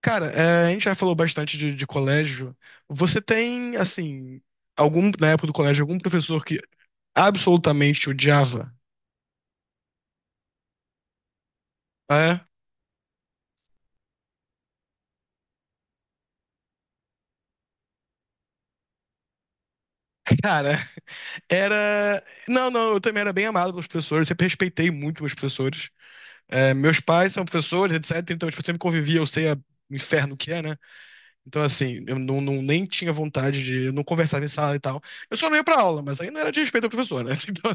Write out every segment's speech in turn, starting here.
Cara, a gente já falou bastante de colégio. Você tem, assim, algum, na época do colégio, algum professor que absolutamente te odiava? É, cara, era. Não, não, eu também era bem amado pelos professores, sempre respeitei muito meus professores. É, meus pais são professores, etc. Então, tipo, eu sempre convivia, eu sei a- o inferno que é, né? Então, assim, eu não, não- nem tinha vontade de. Eu não conversava em sala e tal. Eu só não ia pra aula, mas aí não era de respeito ao professor, né? Então,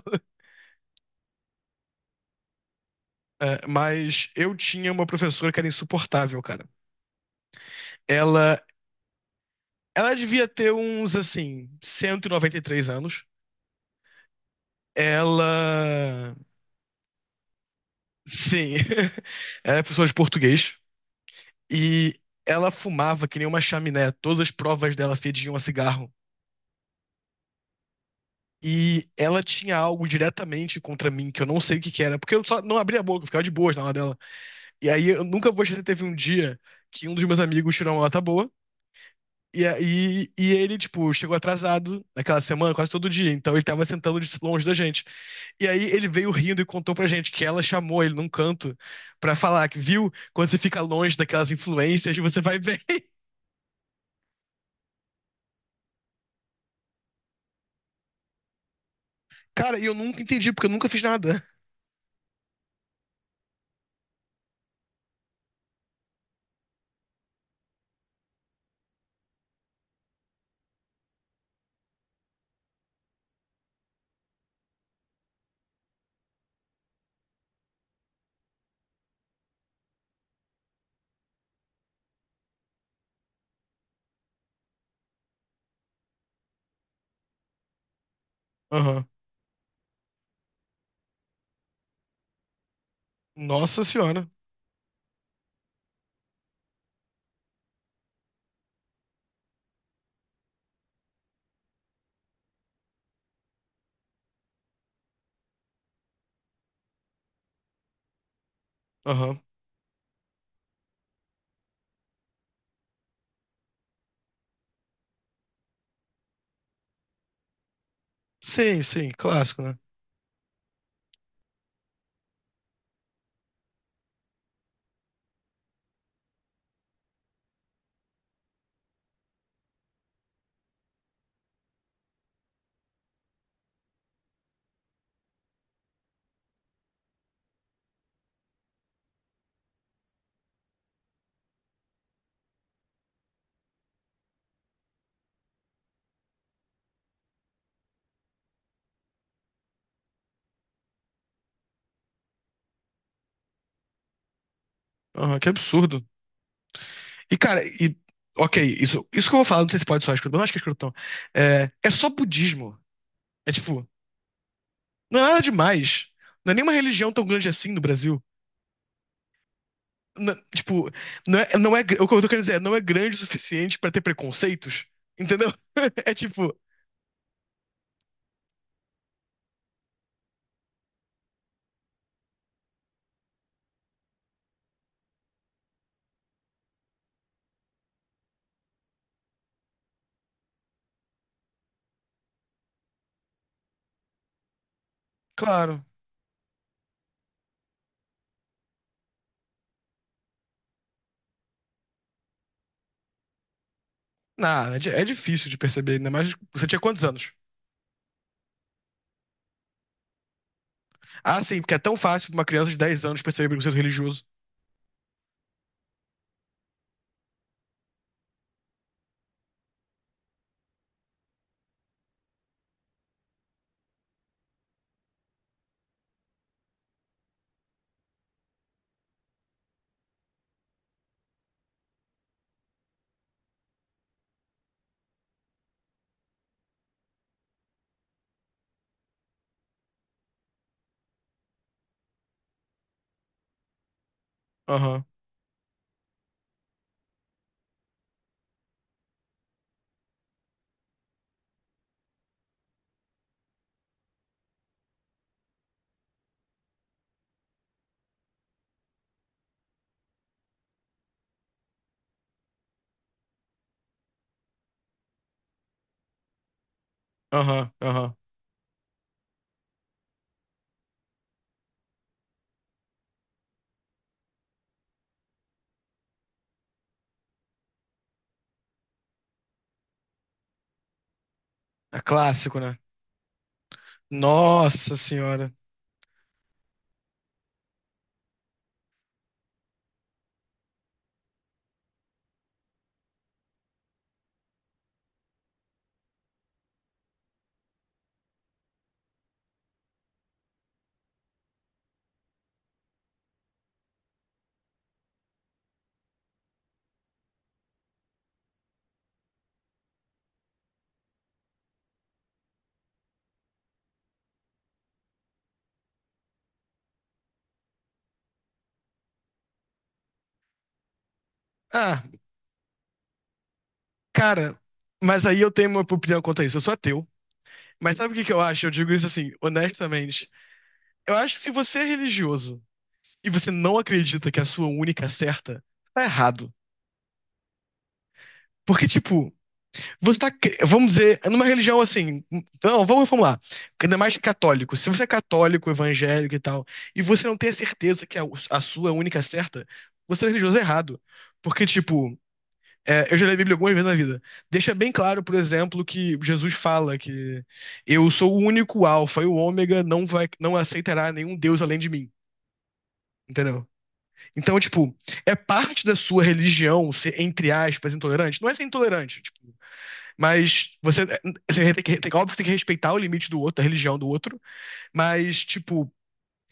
é, mas eu tinha uma professora que era insuportável, cara. Ela Ela devia ter uns, assim, 193 anos. Ela. Sim. Ela é professora de português. E ela fumava que nem uma chaminé. Todas as provas dela fediam a cigarro. E ela tinha algo diretamente contra mim, que eu não sei o que que era, porque eu só não abria a boca, eu ficava de boas na aula dela. E aí eu nunca vou esquecer, teve um dia que um dos meus amigos tirou uma nota boa, e aí ele, tipo, chegou atrasado naquela semana, quase todo dia, então ele tava sentando de longe da gente. E aí ele veio rindo e contou pra gente que ela chamou ele num canto pra falar que, viu, quando você fica longe daquelas influências, você vai bem. Cara, e eu nunca entendi, porque eu nunca fiz nada. Aham. Nossa senhora. Aham. Sim, sim, clássico, né? Aham, que absurdo. E, cara, e. Ok, isso que eu vou falar, não sei se pode soar escrotão, não acho que é escrotão. É só budismo. É tipo, não é nada demais. Não é nenhuma religião tão grande assim no Brasil. Não- tipo, não é, não é, gr- o que eu tô querendo dizer é, não é grande o suficiente pra ter preconceitos, entendeu? É tipo, claro. Não, é, di- é difícil de perceber, ainda mais você tinha quantos anos? Ah, sim, porque é tão fácil pra uma criança de 10 anos perceber preconceito religioso. Aham, aham. É clássico, né? Nossa senhora. Ah, cara, mas aí eu tenho uma opinião quanto a isso. Eu sou ateu. Mas sabe o que que eu acho? Eu digo isso assim, honestamente. Eu acho que se você é religioso e você não acredita que a sua única certa, tá errado. Porque, tipo, Vamos dizer, numa religião assim. Não, vamos reformular. Ainda mais católico. Se você é católico, evangélico e tal, e você não tem a certeza que a sua única certa, você é religioso errado. Porque, tipo, é, eu já li a Bíblia algumas vezes na vida. Deixa bem claro, por exemplo, que Jesus fala que eu sou o único alfa e o ômega, não aceitará nenhum Deus além de mim. Entendeu? Então, tipo, é parte da sua religião ser, entre aspas, intolerante? Não é ser intolerante, tipo, mas você tem que, óbvio, que tem que respeitar o limite do outro, a religião do outro, mas, tipo,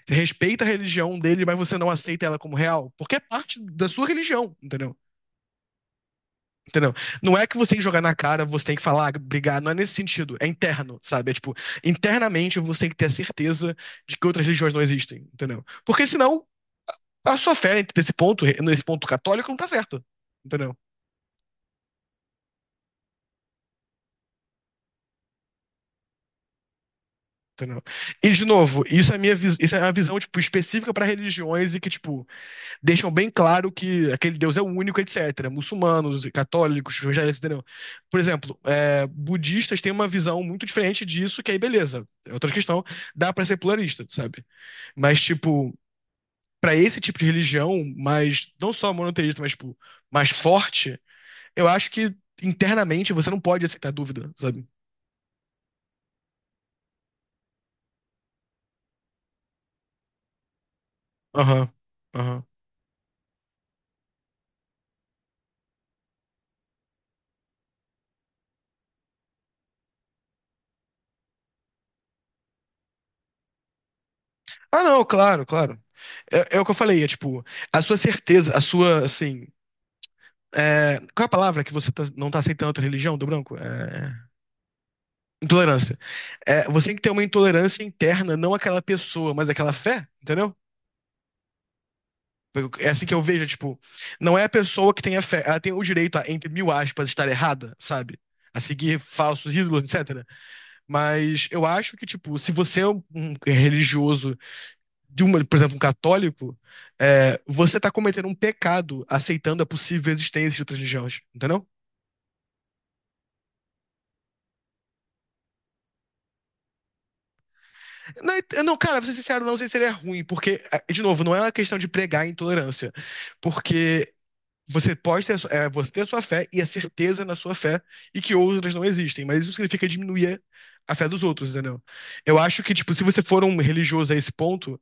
você respeita a religião dele, mas você não aceita ela como real, porque é parte da sua religião, entendeu? Entendeu? Não é que você tem que jogar na cara, você tem que falar, "Ah, brigar, não é nesse sentido, é interno, sabe? É tipo, internamente você tem que ter a certeza de que outras religiões não existem, entendeu? Porque senão a sua fé nesse ponto católico, não tá certa, entendeu? Entendeu? E, de novo, isso é a visão tipo, específica para religiões e que tipo, deixam bem claro que aquele Deus é o único, etc. Muçulmanos, católicos, evangélicos, entendeu? Por exemplo, é, budistas têm uma visão muito diferente disso, que aí beleza, é outra questão, dá para ser pluralista, sabe? Mas, tipo, para esse tipo de religião, mas não só monoteísta, mas tipo, mais forte, eu acho que internamente você não pode aceitar dúvida, sabe? Aham, aham. Ah, não, claro. É, é o que eu falei, é tipo, a sua, assim. É, qual é a palavra que não tá aceitando outra religião do branco? É, intolerância. É, você tem que ter uma intolerância interna, não aquela pessoa, mas aquela fé, entendeu? É assim que eu vejo, é tipo, não é a pessoa que tem a fé, ela tem o direito a, entre mil aspas, estar errada, sabe? A seguir falsos ídolos, etc. Mas eu acho que, tipo, se você é um religioso de uma, por exemplo, um católico, é, você tá cometendo um pecado aceitando a possível existência de outras religiões, entendeu? Não, não, cara, pra ser sincero, não sei se ele é ruim, porque, é, de novo, não é uma questão de pregar intolerância, porque você ter a sua fé e a certeza na sua fé e que outras não existem, mas isso significa diminuir a fé dos outros, entendeu? Eu acho que, tipo, se você for um religioso a esse ponto,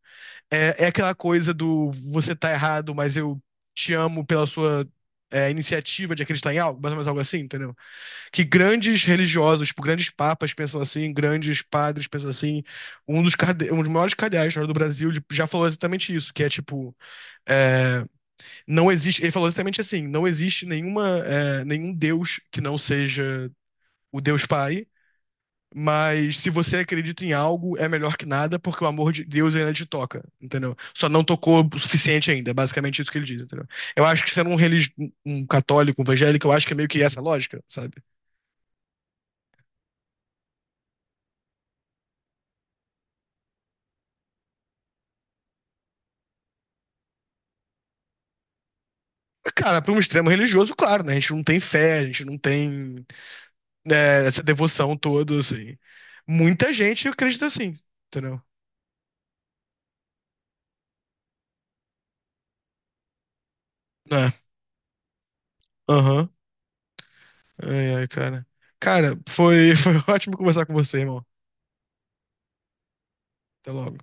É, é aquela coisa do você tá errado, mas eu te amo pela sua é, iniciativa de acreditar em algo, mais ou menos algo assim, entendeu? Que grandes religiosos, tipo, grandes papas pensam assim, grandes padres pensam assim. Um dos maiores cardeais da história do Brasil ele já falou exatamente isso, que é tipo, é, não existe, ele falou exatamente assim, não existe nenhuma, é, nenhum Deus que não seja o Deus Pai mas se você acredita em algo, é melhor que nada, porque o amor de Deus ainda te toca, entendeu? Só não tocou o suficiente ainda, é basicamente isso que ele diz, entendeu? Eu acho que sendo um um católico, um evangélico, eu acho que é meio que essa lógica, sabe? Cara, para um extremo religioso, claro, né? A gente não tem fé, a gente não tem, né, essa devoção toda, assim. Muita gente acredita assim, entendeu? É. Aham. Ai, ai, cara. Cara, foi, foi ótimo conversar com você, irmão. Até logo.